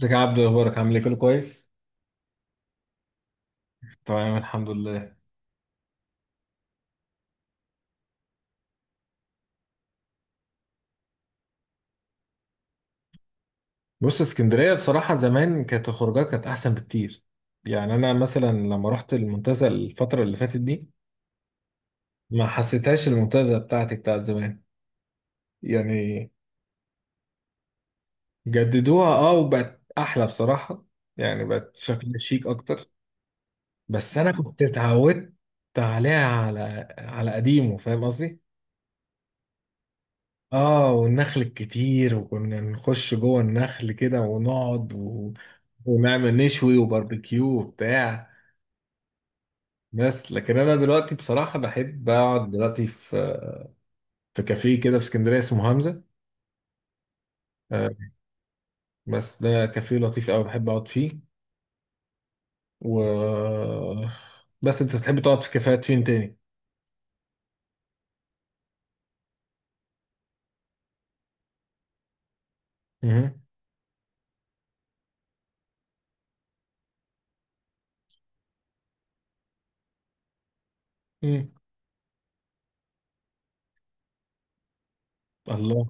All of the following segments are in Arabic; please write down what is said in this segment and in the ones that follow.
ازيك يا عبدو، اخبارك؟ عامل ايه؟ كله كويس. تمام، الحمد لله. بص، اسكندريه بصراحه زمان كانت الخروجات كانت احسن بكتير. يعني انا مثلا لما رحت المنتزه الفتره اللي فاتت دي ما حسيتهاش المنتزه بتاعتي بتاعت زمان، يعني. جددوها، اه، وبقت احلى بصراحه. يعني بقت شكلها شيك اكتر. بس انا كنت اتعودت عليها، على قديمه، فاهم قصدي؟ اه، والنخل الكتير، وكنا نخش جوه النخل كده ونقعد ونعمل نشوي وباربيكيو وبتاع. بس لكن انا دلوقتي بصراحة بحب اقعد دلوقتي في كافيه كده في اسكندرية اسمه همزة. آه، بس ده كافيه لطيف قوي بحب اقعد فيه. و بس انت بتحب تقعد في كافيهات فين تاني؟ مهم. مم. الله،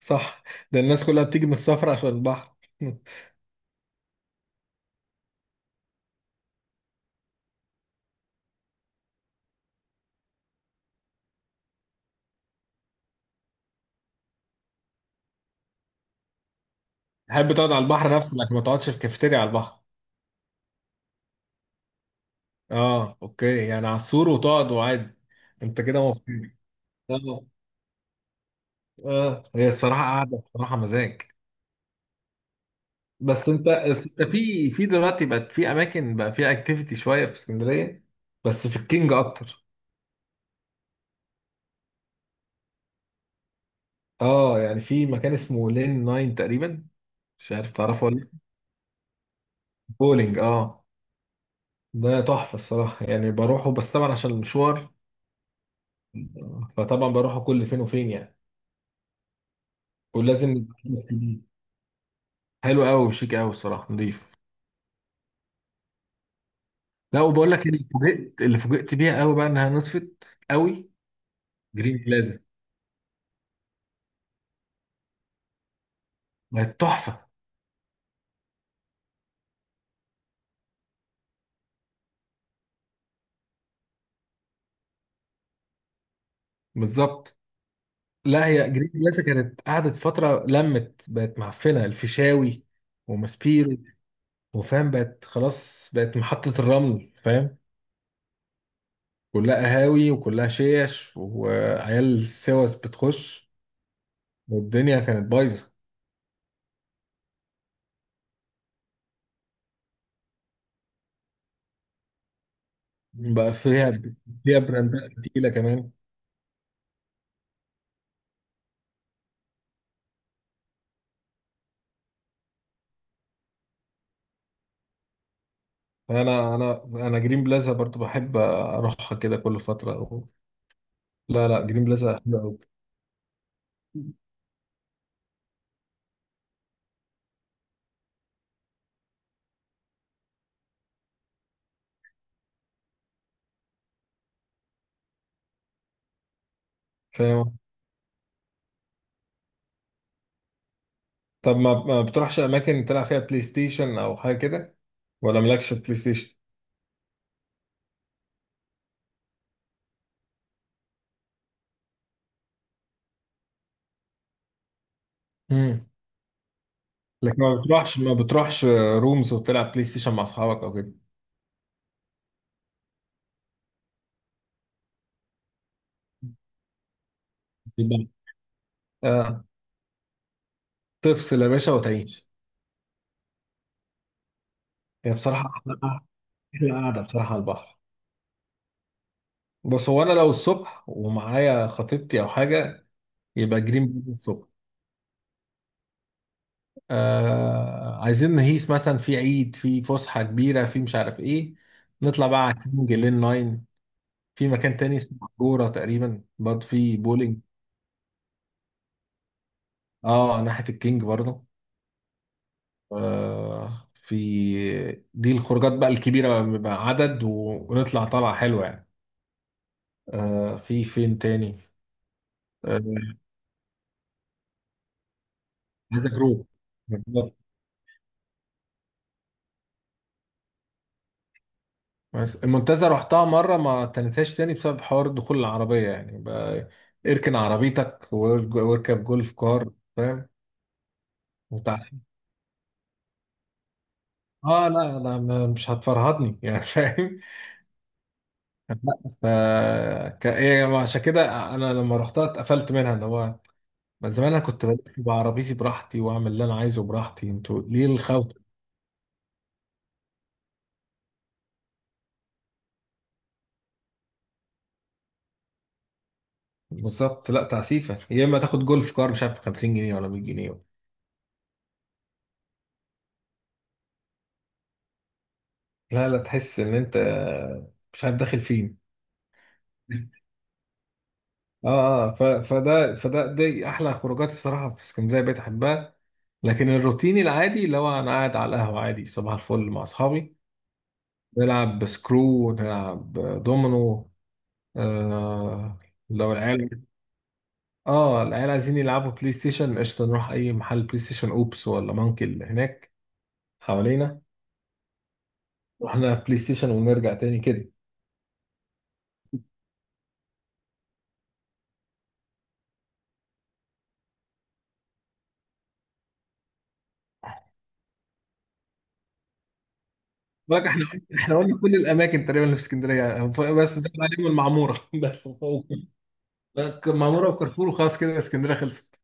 صح. ده الناس كلها بتيجي من السفر عشان البحر. تحب تقعد على البحر نفسه لكن ما تقعدش في كافيتيريا على البحر. اه، اوكي، يعني على السور وتقعد عادي. انت كده مبسوط. اه. اه، هي الصراحه قاعده بصراحه مزاج. بس انت في دلوقتي بقت في اماكن بقى فيها اكتيفيتي شويه في اسكندريه. بس في الكينج اكتر. اه، يعني في مكان اسمه لين ناين تقريبا، مش عارف تعرفه ولا لا. بولينج، اه. ده تحفه الصراحه، يعني بروحه بس طبعا عشان المشوار. فطبعا بروحه كل فين وفين يعني. ولازم. حلو قوي وشيك قوي الصراحه، نضيف. لا، وبقول لك اللي فوجئت، بيها قوي بقى انها نصفت قوي. جرين بلازا بقت تحفه. بالظبط. لا، هي جرين بلازا كانت قعدت فتره لمت بقت معفنه، الفيشاوي وماسبيرو، وفاهم بقت خلاص، بقت محطه الرمل، فاهم. كلها قهاوي وكلها شيش وعيال سوس بتخش، والدنيا كانت بايظه. بقى فيها براندات تقيله كمان. فانا انا انا جرين بلازا برضو بحب اروحها كده كل فتره. لا لا، جرين بلازا حلو قوي. فاهم. طب، ما بتروحش اماكن تلعب فيها بلاي ستيشن او حاجه كده؟ ولا مالكش بلاي ستيشن؟ امم لكن ما بتروحش رومز وتلعب بلاي ستيشن مع اصحابك او كده؟ يبقى- آه. تفصل يا باشا وتعيش. هي بصراحه احلى، احلى قعده بصراحه على البحر. بس هو انا لو الصبح ومعايا خطيبتي او حاجه، يبقى جرين بلازا الصبح. آه، عايزين نهيس مثلا في عيد، في فسحه كبيره، في مش عارف ايه، نطلع بقى على كينج لين 9. في مكان تاني اسمه كورة تقريبا، برضه في بولينج. اه، ناحية الكينج برضه. آه في دي الخروجات بقى الكبيرة بقى، بيبقى عدد ونطلع طلعة حلوة يعني. في فين تاني؟ آه هذا جروب. بالظبط. بس المنتزه رحتها مرة ما تنساش تاني بسبب حوار دخول العربية يعني بقى. اركن عربيتك واركب جولف كار، فاهم؟ وتع- اه، لا لا، مش هتفرهدني يعني. فاهم؟ ف ك- إيه، عشان كده انا لما رحتها اتقفلت منها ان هو من زمان انا كنت بلف بعربيتي براحتي واعمل اللي انا عايزه براحتي، انتوا ليه الخوت؟ بالظبط، لا، تعسيفه، يا اما تاخد جولف كار مش عارف ب 50 جنيه ولا 100 جنيه. لا لا، تحس ان انت مش عارف داخل فين. اه. اه، فده دي احلى خروجات الصراحه في اسكندريه بقيت احبها. لكن الروتيني العادي اللي هو انا قاعد على القهوه عادي صباح الفل مع اصحابي، نلعب سكرو، نلعب دومينو. آه لو العيال اه، العيال عايزين يلعبوا بلاي ستيشن، قشطة، نروح أي محل بلاي ستيشن، أوبس ولا مانكي، اللي هناك حوالينا. رحنا بلاي ستيشن ونرجع تاني كده. بقولك، احنا قلنا كل الأماكن تقريبا اللي في اسكندرية، بس زاد عليهم المعمورة. بس فوق المعمورة وكارفور، وخلاص كده اسكندرية خلصت.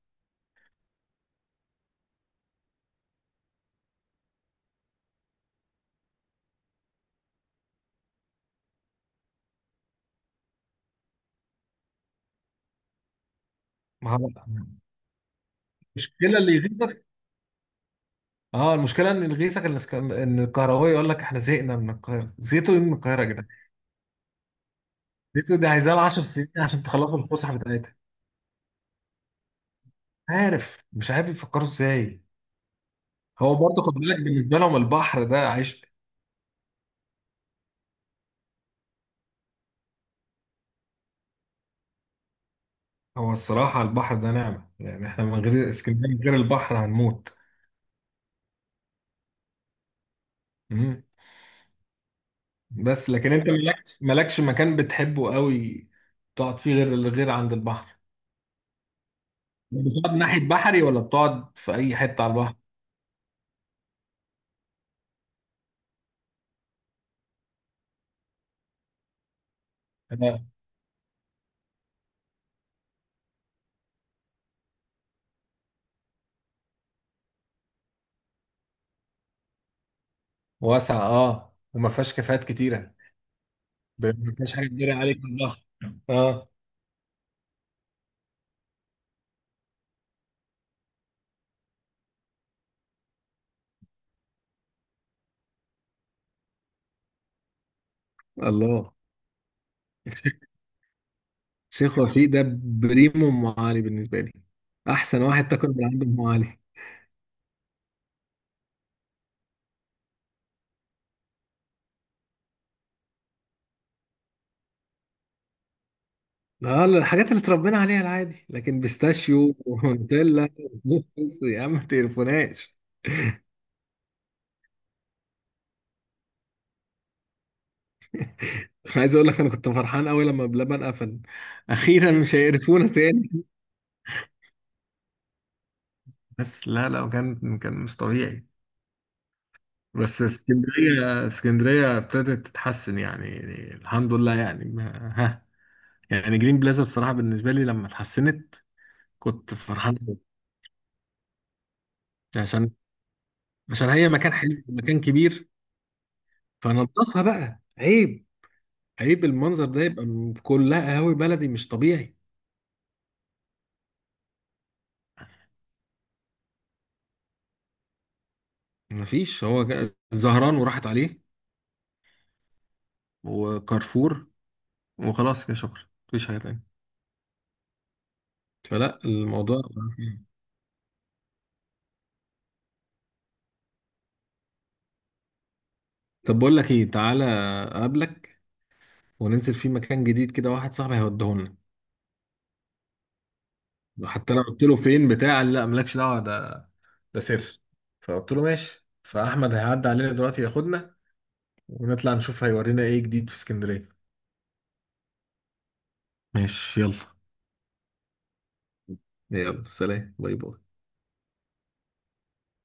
ما هو- المشكلة اللي يغيظك، اه المشكلة ان اللي يغيظك ان اسك- ان الكهربائي يقول لك احنا زهقنا من القاهرة. زهقتوا إيه من القاهرة يا جدعان؟ زهقتوا دي عايزة لها 10 سنين عشان تخلصوا الفسحة بتاعتها. عارف، مش عارف يفكروا ازاي. هو برضه خد بالك، بالنسبه لهم البحر ده عيش. هو الصراحه البحر ده نعمه، يعني احنا من غير اسكندريه، من غير البحر هنموت. مم. بس لكن انت مالكش مكان بتحبه قوي تقعد فيه غير عند البحر؟ بتقعد ناحيه بحري ولا بتقعد في اي حته على البحر؟ أنا. واسع، اه، وما فيهاش كافيهات كتيره. ما فيهاش حاجه كتيره عليك في البحر. اه. الله، شيخ وفيق ده بريمو ام علي بالنسبه لي. احسن واحد تاكل من عنده ام علي. اه، الحاجات اللي اتربينا عليها العادي، لكن بيستاشيو ونوتيلا؟ بص يا عم ما تقرفوناش. عايز اقول لك، انا كنت فرحان قوي لما بلبن قفل. اخيرا مش هيقرفونا تاني. بس لا لا، كان مش طبيعي. بس اسكندريه، ابتدت تتحسن يعني، الحمد لله يعني ما- ها يعني جرين بلازا بصراحه بالنسبه لي لما اتحسنت كنت فرحان قوي. عشان عشان هي مكان حلو ومكان كبير. فنضفها بقى عيب. عيب المنظر ده يبقى، كلها قهاوي بلدي، مش طبيعي. مفيش، هو الزهران وراحت عليه وكارفور، وخلاص كده شكرا. مفيش حاجة تانية، فلا الموضوع. طب بقول لك ايه، تعالى اقابلك وننزل في مكان جديد كده، واحد صاحبي هيوديهولنا. حتى انا قلت له فين بتاع، قال لا مالكش دعوة، ده سر. فقلت له ماشي، فاحمد هيعدي علينا دلوقتي ياخدنا ونطلع نشوف هيورينا ايه جديد في اسكندرية. ماشي، يلا. يلا سلام، باي باي.